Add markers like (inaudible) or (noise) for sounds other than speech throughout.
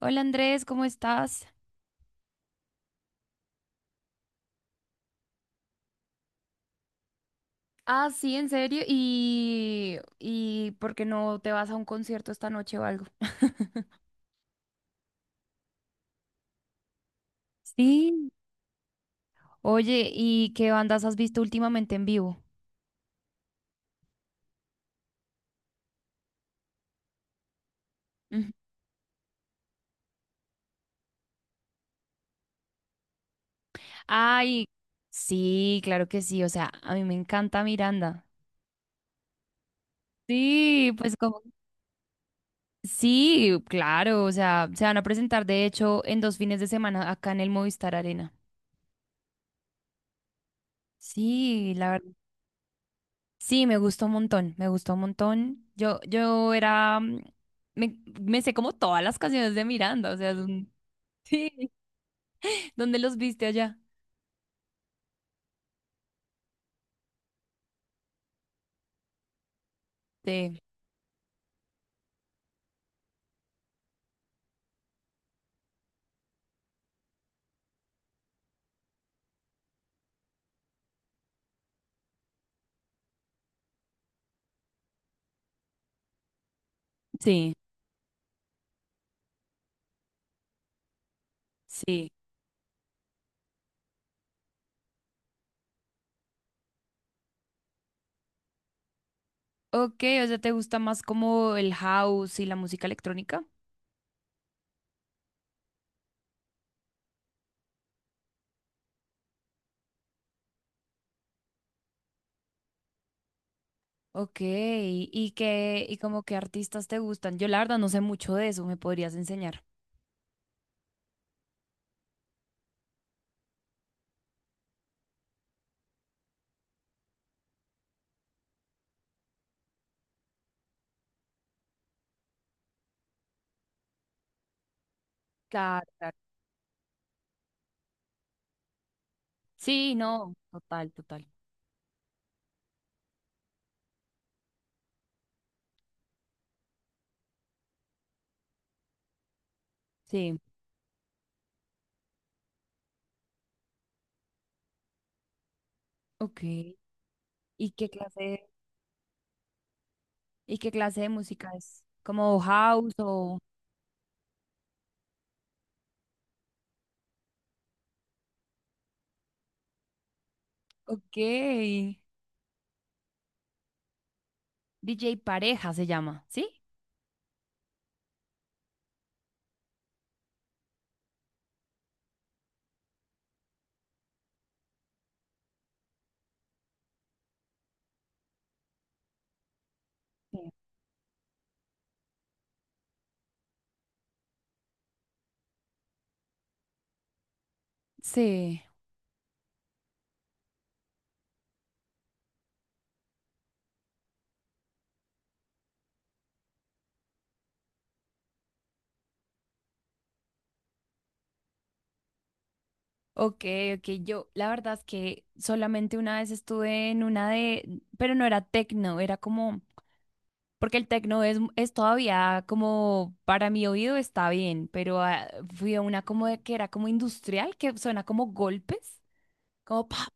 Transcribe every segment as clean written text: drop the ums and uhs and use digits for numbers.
Hola Andrés, ¿cómo estás? Ah, sí, en serio. ¿Y por qué no te vas a un concierto esta noche o algo? (laughs) Sí. Oye, ¿y qué bandas has visto últimamente en vivo? Ujú. Ay, sí, claro que sí. O sea, a mí me encanta Miranda. Sí, pues como... Sí, claro. O sea, se van a presentar de hecho en dos fines de semana acá en el Movistar Arena. Sí, la verdad. Sí, me gustó un montón, me gustó un montón. Yo era, me sé como todas las canciones de Miranda, o sea, es un- (laughs) sí, ¿dónde los viste allá? Sí, sí, sí. Ok, o sea, ¿te gusta más como el house y la música electrónica? Ok, ¿y como qué artistas te gustan? Yo la verdad no sé mucho de eso, ¿me podrías enseñar? Claro, claro. Sí, no, total, total. Sí, ok. ¿Y qué clase, y qué clase de música es? ¿Como house o...? Ok. DJ Pareja se llama, ¿sí? Sí, ok, ok. Yo, la verdad es que solamente una vez estuve en una de, pero no era techno, era como porque el tecno es todavía como, para mi oído está bien, pero ah, fui a una como de- que era como industrial, que suena como golpes, como pa,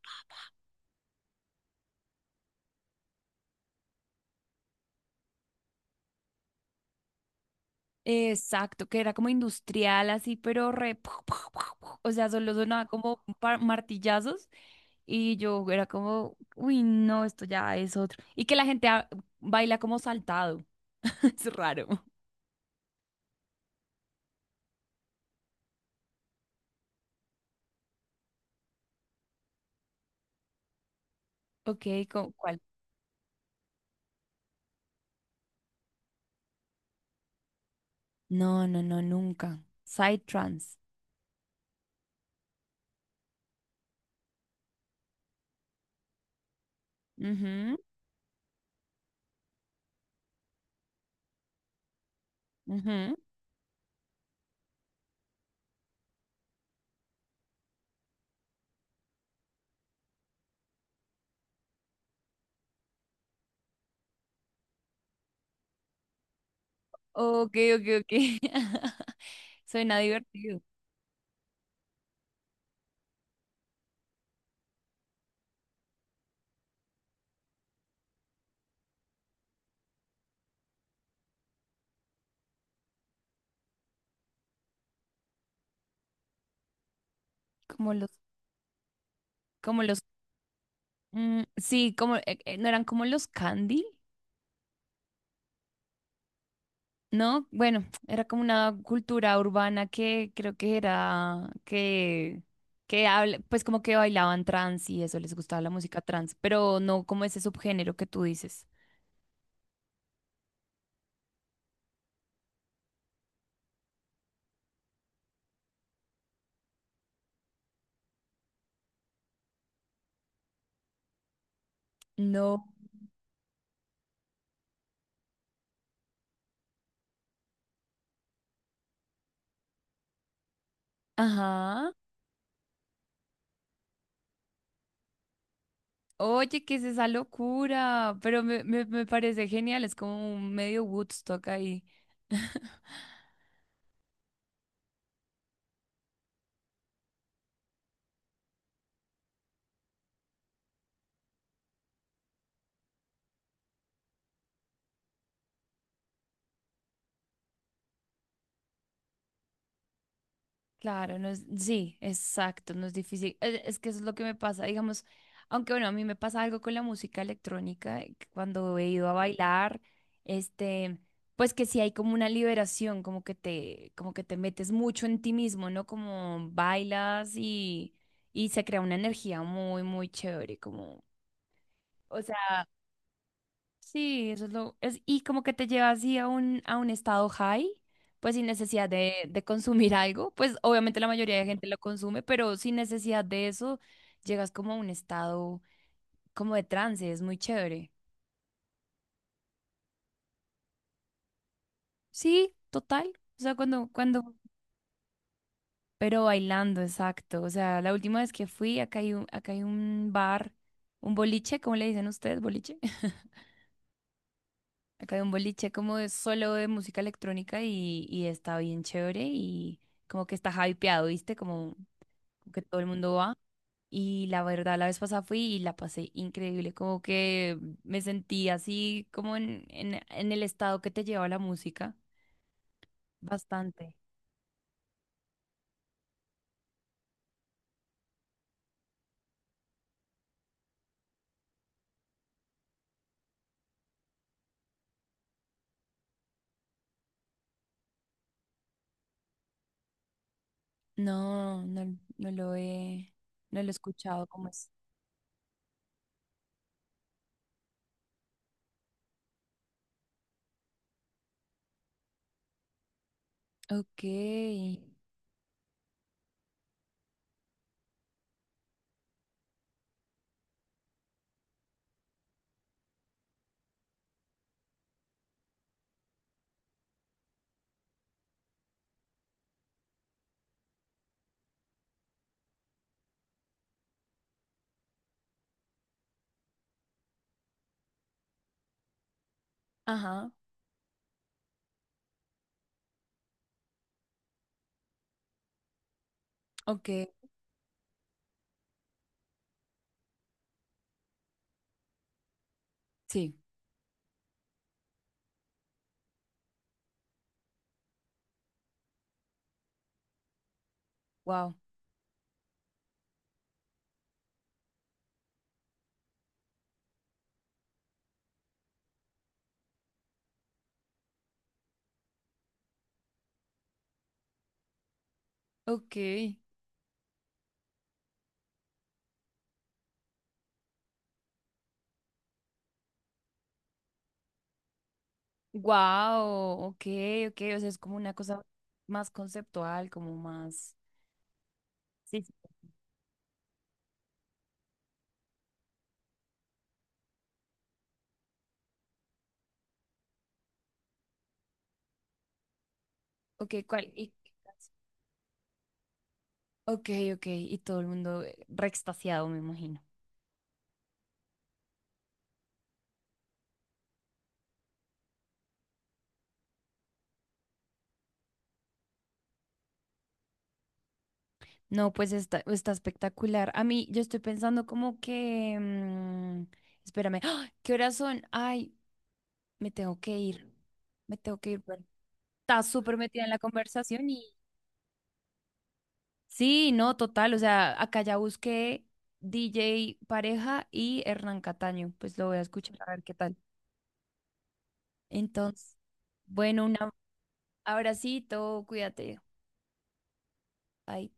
exacto, que era como industrial así, pero re, pu- pu- pu- pu, o sea, solo sonaba como pa- martillazos y yo era como, uy, no, esto ya es otro. Y que la gente ah, baila como saltado, (laughs) es raro. Ok, ¿con cuál? No, no, no, nunca. Side trance. Ujú, ujú. Ok, ok, ok. (laughs) Suena divertido. Como los, como los, mm, sí, como, no eran como los candy, ¿no? Bueno, era como una cultura urbana que creo que era, que habla, pues como que bailaban trans y eso, les gustaba la música trans, pero no como ese subgénero que tú dices. No. Ajá. Oye, ¿qué es esa locura? Pero me parece genial, es como un medio Woodstock ahí. (laughs) Claro, no es, sí, exacto, no es difícil. Es que eso es lo que me pasa, digamos, aunque bueno, a mí me pasa algo con la música electrónica, que cuando he ido a bailar, este, pues que sí hay como una liberación, como que te metes mucho en ti mismo, ¿no? Como bailas y se crea una energía muy, muy chévere, como, sí, eso es lo, es, y como que te lleva así a un estado high, pues sin necesidad de consumir (laughs) algo, pues obviamente la mayoría de gente lo consume, pero sin necesidad de eso llegas como a un estado como de trance, es muy chévere. Sí, total, o sea, cuando, cuando, pero bailando, exacto, o sea, la última vez que fui, acá hay un bar, un boliche, ¿cómo le dicen ustedes, boliche? (laughs) Acá hay un boliche como de solo de música electrónica y está bien chévere y como que está hypeado, ¿viste? Como que todo el mundo va. Y la verdad, la vez pasada fui y la pasé increíble, como que me sentí así como en el estado que te lleva la música. Bastante. No, no lo he, no lo he escuchado, ¿cómo es? Ok. Ajá, ok, sí, wow, ok. Wow, ok, ok, o sea, es como una cosa más conceptual, como más. Sí, sí. Ok, ¿cuál? Y- ok, ok, y todo el mundo re extasiado, me imagino. No, pues está, está espectacular. A mí, yo estoy pensando como que. Espérame, ¡Ah! ¿Qué horas son? Ay, me tengo que ir. Me tengo que ir. Pero está súper metida en la conversación. Sí, no, total, o sea, acá ya busqué DJ Pareja y Hernán Cataño, pues lo voy a escuchar a ver qué tal. Entonces, bueno, un abracito, cuídate. Bye.